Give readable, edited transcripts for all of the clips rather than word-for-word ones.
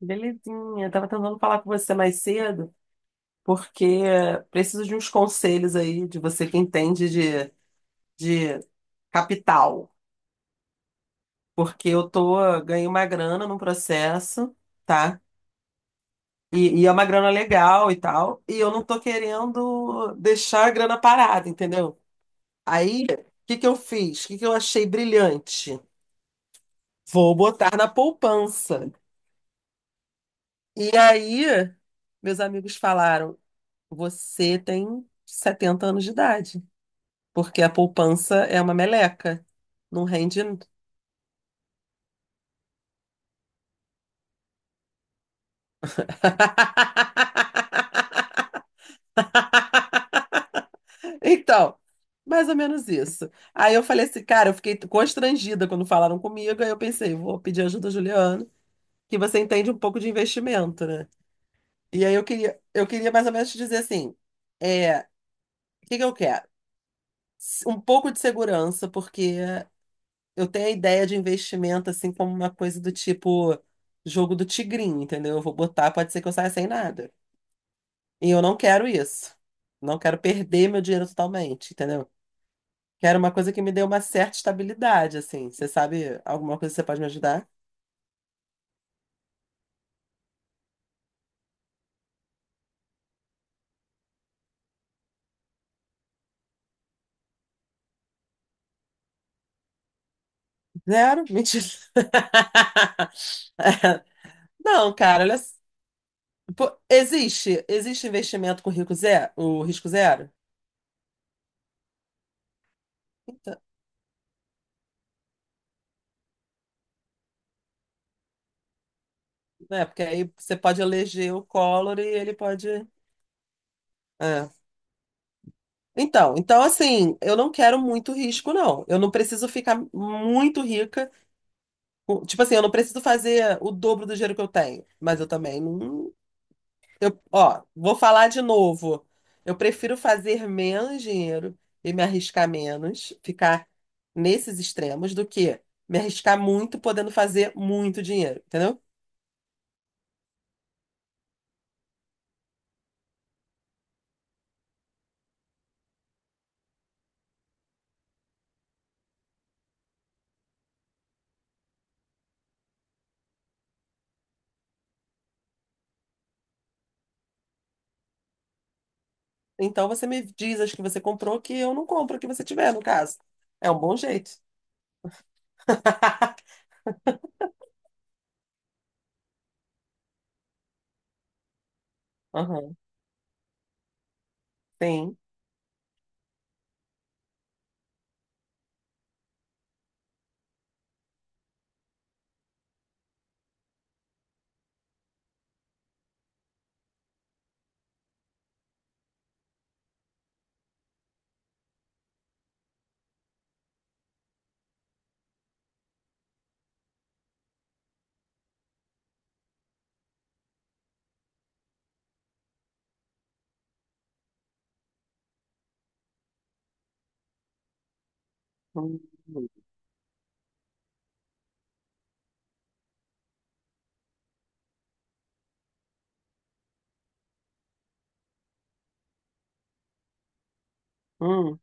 Belezinha, eu tava tentando falar com você mais cedo, porque preciso de uns conselhos aí, de você que entende de capital. Porque eu tô, ganhei uma grana num processo, tá? E é uma grana legal e tal, e eu não tô querendo deixar a grana parada, entendeu? Aí, o que eu fiz? O que eu achei brilhante? Vou botar na poupança. E aí, meus amigos falaram, você tem 70 anos de idade. Porque a poupança é uma meleca. Não rende. Então, mais ou menos isso. Aí eu falei assim, cara, eu fiquei constrangida quando falaram comigo. Aí eu pensei, vou pedir ajuda, a Juliana, que você entende um pouco de investimento, né? E aí eu queria mais ou menos te dizer assim, o que eu quero? Um pouco de segurança, porque eu tenho a ideia de investimento assim como uma coisa do tipo jogo do tigrinho, entendeu? Eu vou botar, pode ser que eu saia sem nada. E eu não quero isso. Não quero perder meu dinheiro totalmente, entendeu? Quero uma coisa que me dê uma certa estabilidade, assim. Você sabe alguma coisa que você pode me ajudar? Zero? Mentira. Não, cara, olha. Pô, existe investimento com rico zero, o risco zero? Então, né? Porque aí você pode eleger o Collor e ele pode. É. Então assim, eu não quero muito risco, não. Eu não preciso ficar muito rica. Tipo assim, eu não preciso fazer o dobro do dinheiro que eu tenho, mas eu também não. Eu, ó, vou falar de novo. Eu prefiro fazer menos dinheiro e me arriscar menos, ficar nesses extremos, do que me arriscar muito podendo fazer muito dinheiro, entendeu? Então você me diz as que você comprou que eu não compro o que você tiver, no caso. É um bom jeito. Aham, sim. Hum, hum,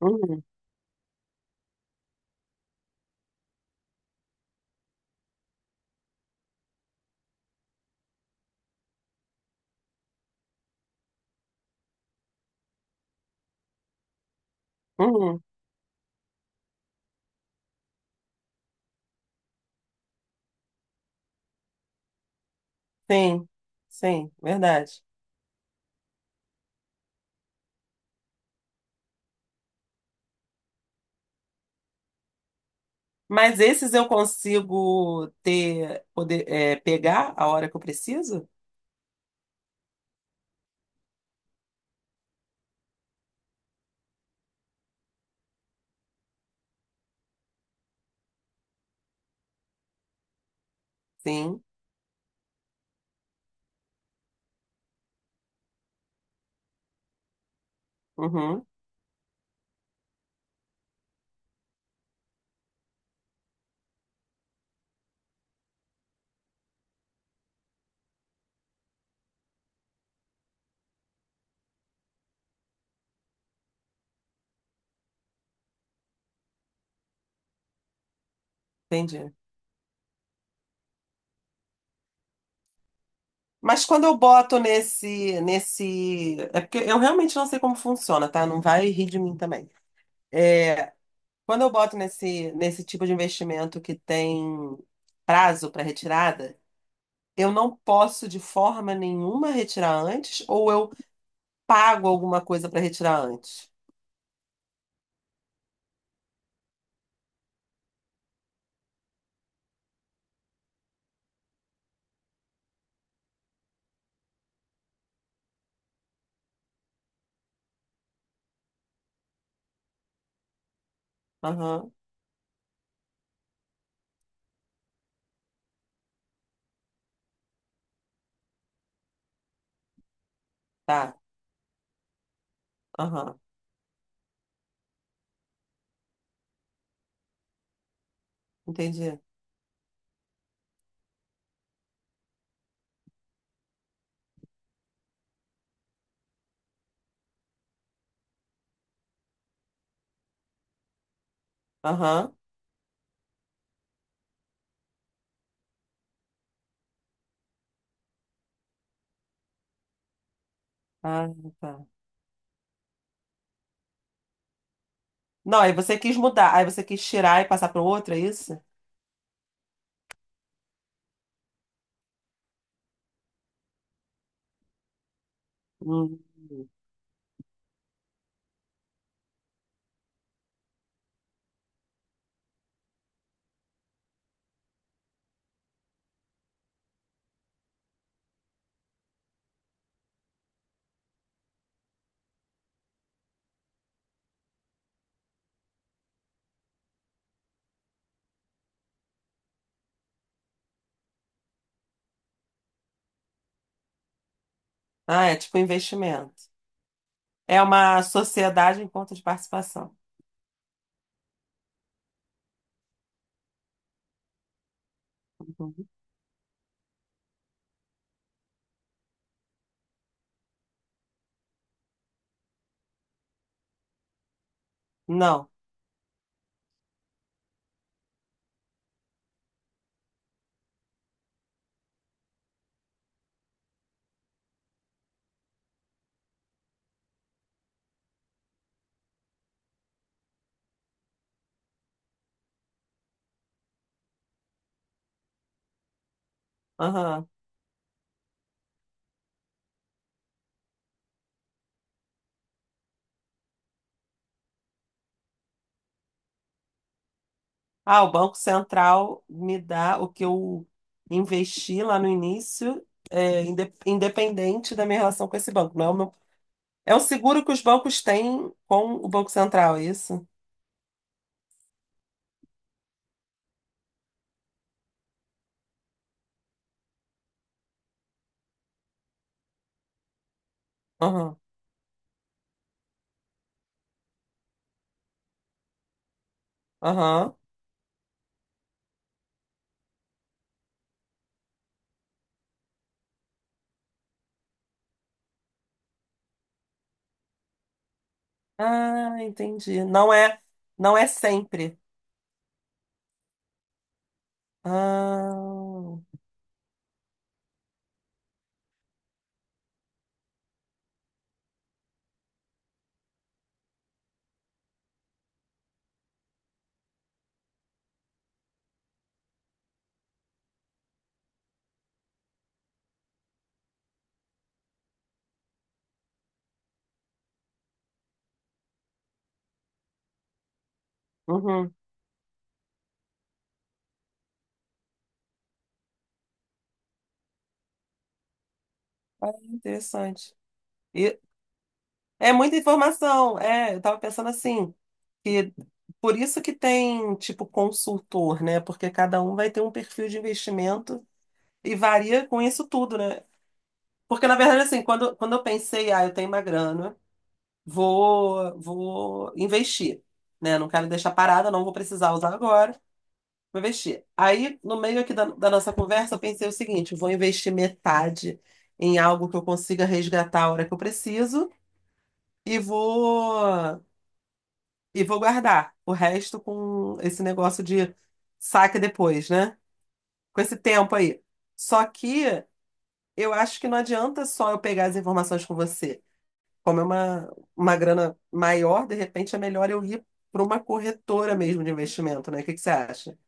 hum, hum. Sim, sim, verdade. Mas esses eu consigo ter, poder, é, pegar a hora que eu preciso? Sim. Uhum, entendi. Mas quando eu boto nesse. É porque eu realmente não sei como funciona, tá? Não vai rir de mim também. É, quando eu boto nesse tipo de investimento que tem prazo para retirada, eu não posso de forma nenhuma retirar antes, ou eu pago alguma coisa para retirar antes. Aham, tá. Aham, entendi. Aham. Ah, tá. Não, aí você quis mudar, aí você quis tirar e passar para outro, é isso? Hum. Ah, é tipo investimento. É uma sociedade em conta de participação. Uhum. Não. Aham. Ah, o Banco Central me dá o que eu investi lá no início, é, independente da minha relação com esse banco. Não é o meu- é um seguro que os bancos têm com o Banco Central, é isso? Aham. Aham. Ah, entendi. Não é, não é sempre. Ah. Uhum. Ah, interessante. E é muita informação. É, eu estava pensando assim, que por isso que tem tipo consultor, né? Porque cada um vai ter um perfil de investimento e varia com isso tudo, né? Porque na verdade assim, quando eu pensei, ah, eu tenho uma grana, vou investir, né? Não quero deixar parada, não vou precisar usar agora, vou investir. Aí no meio aqui da nossa conversa, eu pensei o seguinte, vou investir metade em algo que eu consiga resgatar a hora que eu preciso e vou e vou guardar o resto com esse negócio de saque depois, né? Com esse tempo aí. Só que eu acho que não adianta só eu pegar as informações com você. Como é uma grana maior, de repente é melhor eu ir para uma corretora mesmo de investimento, né? O que que você acha?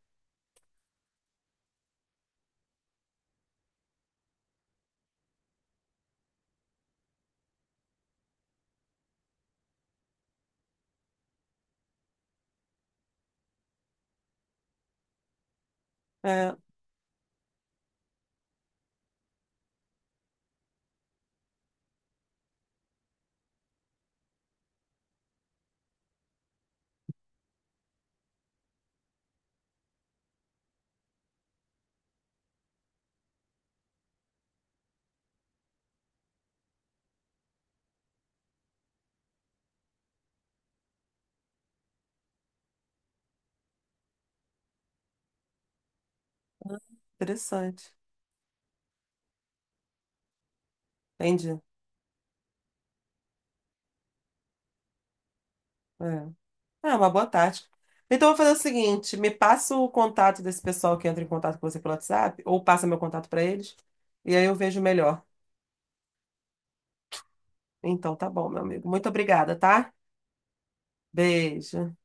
É, interessante. Entendi. É, é uma boa tática. Então, eu vou fazer o seguinte: me passa o contato desse pessoal que entra em contato com você pelo WhatsApp, ou passa meu contato para eles, e aí eu vejo melhor. Então tá bom, meu amigo. Muito obrigada, tá? Beijo.